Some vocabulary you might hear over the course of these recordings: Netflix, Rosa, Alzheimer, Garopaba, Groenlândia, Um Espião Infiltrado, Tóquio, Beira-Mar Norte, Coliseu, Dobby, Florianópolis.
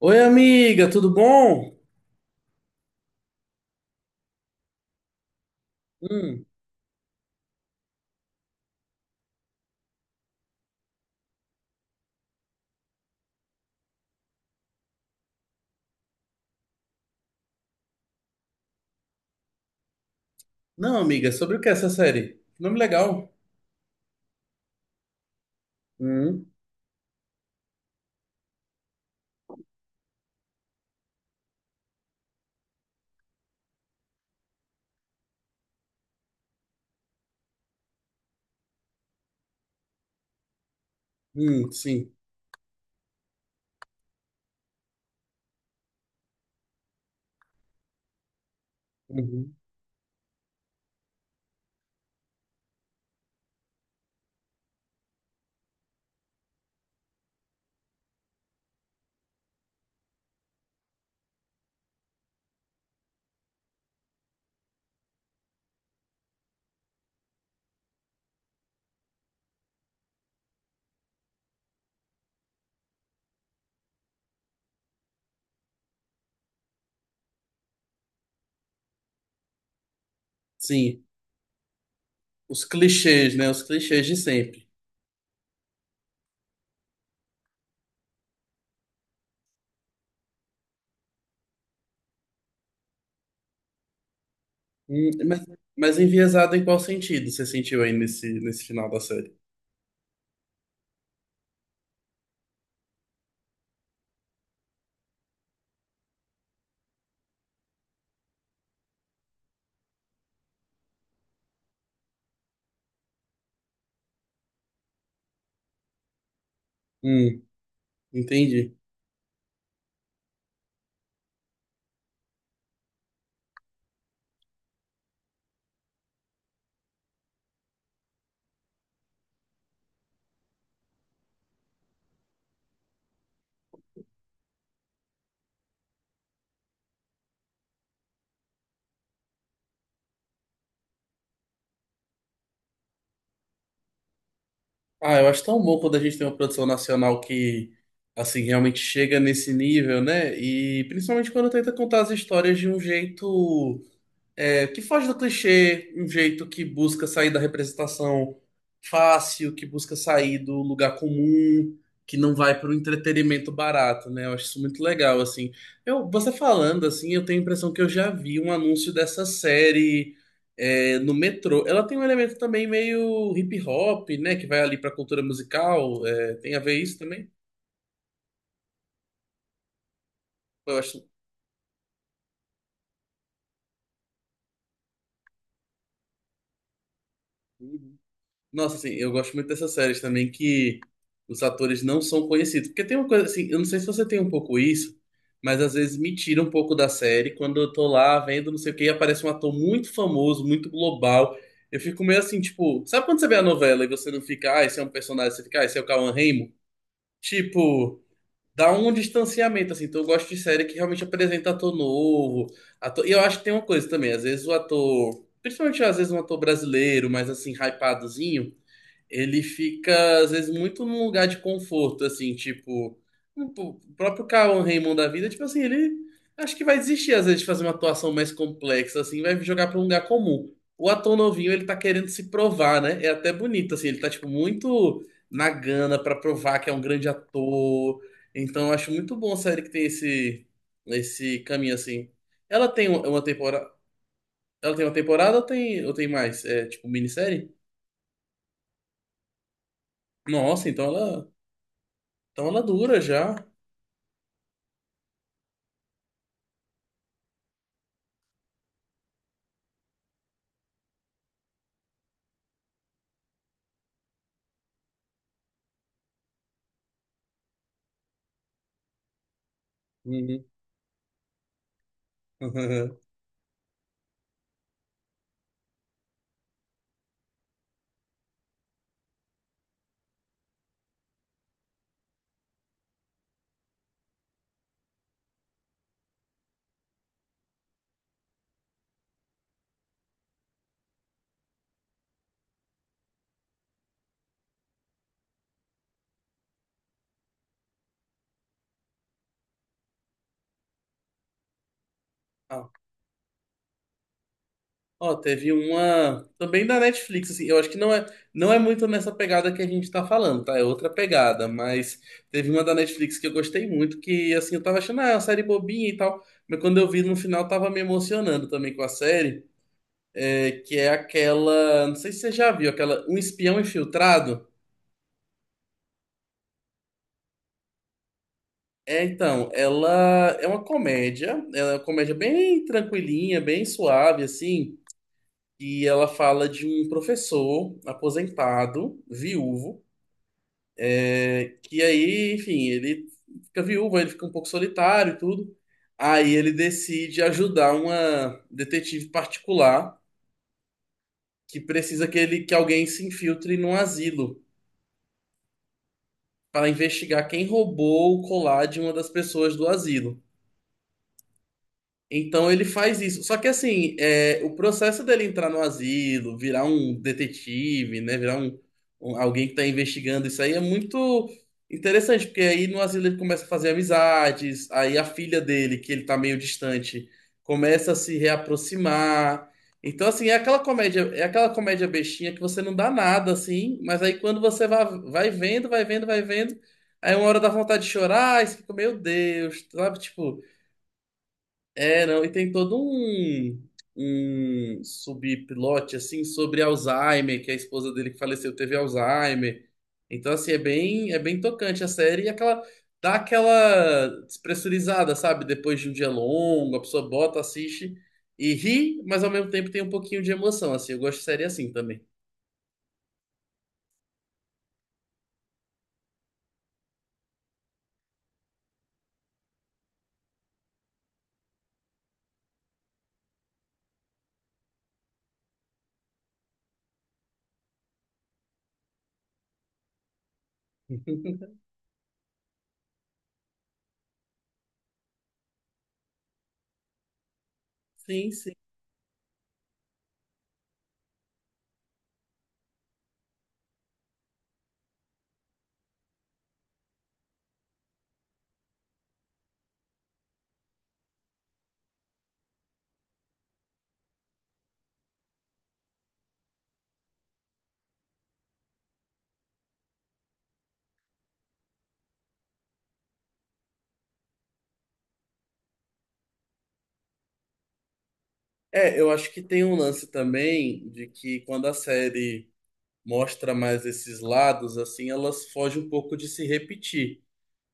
Oi, amiga, tudo bom? Hum, não, amiga, sobre o que é essa série? Nome legal. Hum, sim. Uhum, sim. Os clichês, né? Os clichês de sempre. Hum, mas, mas enviesado em qual sentido você sentiu aí nesse, nesse final da série? Hum, entendi. Ah, eu acho tão bom quando a gente tem uma produção nacional que, assim, realmente chega nesse nível, né? E principalmente quando tenta contar as histórias de um jeito. Que foge do clichê, um jeito que busca sair da representação fácil, que busca sair do lugar comum, que não vai para o entretenimento barato, né? Eu acho isso muito legal, assim. Eu, você falando, assim, eu tenho a impressão que eu já vi um anúncio dessa série no metrô. Ela tem um elemento também meio hip hop, né? Que vai ali para a cultura musical. Tem a ver isso também? Eu acho. Nossa, assim, eu gosto muito dessas séries também que os atores não são conhecidos. Porque tem uma coisa assim, eu não sei se você tem um pouco isso, mas às vezes me tira um pouco da série quando eu tô lá vendo não sei o que e aparece um ator muito famoso, muito global. Eu fico meio assim, tipo, sabe quando você vê a novela e você não fica, ah, esse é um personagem, você fica, ah, esse é o Cauan Raymond? Tipo, dá um distanciamento, assim. Então eu gosto de série que realmente apresenta ator novo. Ator... E eu acho que tem uma coisa também, às vezes o ator, principalmente às vezes um ator brasileiro, mas assim, hypadozinho ele fica, às vezes, muito num lugar de conforto, assim, tipo, o próprio Cauã Raymond da vida, tipo assim, ele acho que vai desistir, às vezes, de fazer uma atuação mais complexa, assim, vai jogar pra um lugar comum. O ator novinho, ele tá querendo se provar, né? É até bonito, assim, ele tá, tipo, muito na gana pra provar que é um grande ator. Então, eu acho muito bom a série que tem esse, esse caminho, assim. Ela tem uma temporada. Ela tem uma temporada ou tem mais? É tipo minissérie? Nossa, então ela. Então ela dura já. Uhum. Ah, ó, teve uma também da Netflix, assim, eu acho que não é, não é muito nessa pegada que a gente tá falando, tá? É outra pegada, mas teve uma da Netflix que eu gostei muito, que assim, eu tava achando, ah, é uma série bobinha e tal, mas quando eu vi no final tava me emocionando também com a série, que é aquela, não sei se você já viu, aquela Um Espião Infiltrado. É, então, ela é uma comédia, ela é uma comédia bem tranquilinha, bem suave, assim. E ela fala de um professor aposentado, viúvo, que aí, enfim, ele fica viúvo, ele fica um pouco solitário e tudo. Aí ele decide ajudar uma detetive particular que precisa que, ele, que alguém se infiltre num asilo para investigar quem roubou o colar de uma das pessoas do asilo. Então ele faz isso. Só que assim, é, o processo dele entrar no asilo, virar um detetive, né? Virar um, alguém que tá investigando isso aí é muito interessante, porque aí no asilo ele começa a fazer amizades, aí a filha dele, que ele tá meio distante, começa a se reaproximar. Então, assim, é aquela comédia bestinha que você não dá nada, assim, mas aí quando você vai, vai vendo, vai vendo, vai vendo, aí uma hora dá vontade de chorar, aí você fica, meu Deus, sabe? Tipo. É, não, e tem todo um, um subplot, assim, sobre Alzheimer, que a esposa dele que faleceu teve Alzheimer. Então, assim, é bem tocante a série e aquela, dá aquela despressurizada, sabe? Depois de um dia longo, a pessoa bota, assiste e ri, mas ao mesmo tempo tem um pouquinho de emoção, assim. Eu gosto de série assim também. Sim, sim. É, eu acho que tem um lance também de que quando a série mostra mais esses lados, assim, elas fogem um pouco de se repetir.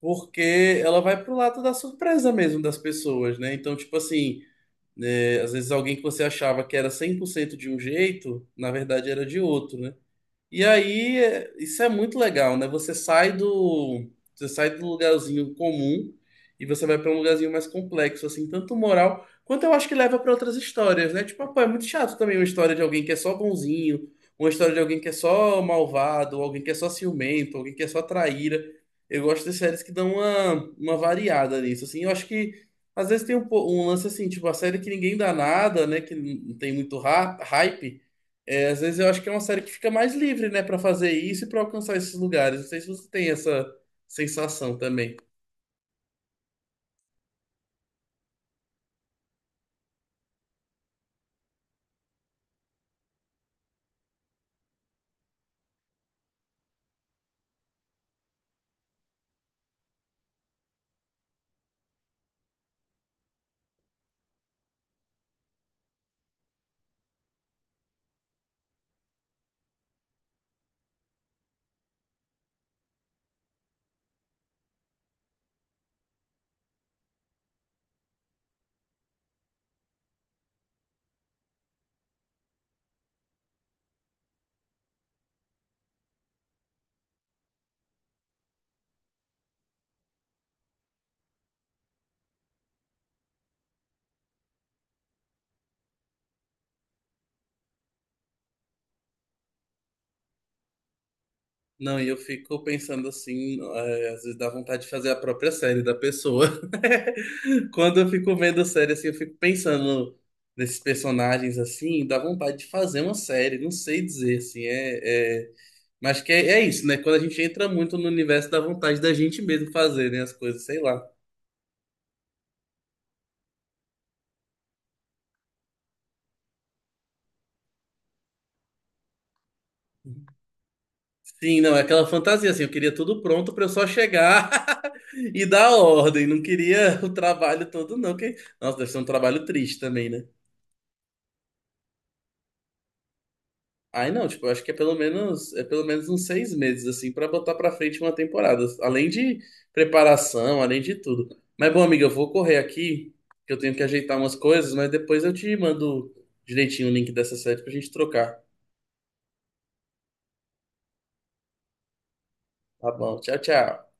Porque ela vai pro lado da surpresa mesmo das pessoas, né? Então, tipo assim, né, às vezes alguém que você achava que era 100% de um jeito, na verdade era de outro, né? E aí, isso é muito legal, né? Você sai do lugarzinho comum e você vai para um lugarzinho mais complexo, assim, tanto moral quanto eu acho que leva para outras histórias, né? Tipo, ah, pô, é muito chato também uma história de alguém que é só bonzinho, uma história de alguém que é só malvado, alguém que é só ciumento, alguém que é só traíra. Eu gosto de séries que dão uma variada nisso, assim. Eu acho que às vezes tem um, um lance assim, tipo, a série que ninguém dá nada, né? Que não tem muito hype. É, às vezes eu acho que é uma série que fica mais livre, né, pra fazer isso e pra alcançar esses lugares. Não sei se você tem essa sensação também. Não, e eu fico pensando assim, às vezes dá vontade de fazer a própria série da pessoa. Quando eu fico vendo série assim, eu fico pensando nesses personagens assim, dá vontade de fazer uma série, não sei dizer assim, mas que é, é isso, né? Quando a gente entra muito no universo, dá vontade da gente mesmo fazer, né, as coisas, sei lá. Sim, não, é aquela fantasia assim, eu queria tudo pronto pra eu só chegar. E da ordem, não queria o trabalho todo, não. Que... Nossa, deve ser um trabalho triste também, né? Ai, não, tipo, eu acho que é pelo menos uns 6 meses, assim, pra botar pra frente uma temporada. Além de preparação, além de tudo. Mas, bom, amiga, eu vou correr aqui, que eu tenho que ajeitar umas coisas, mas depois eu te mando direitinho o link dessa série pra gente trocar. Tá bom, tchau, tchau.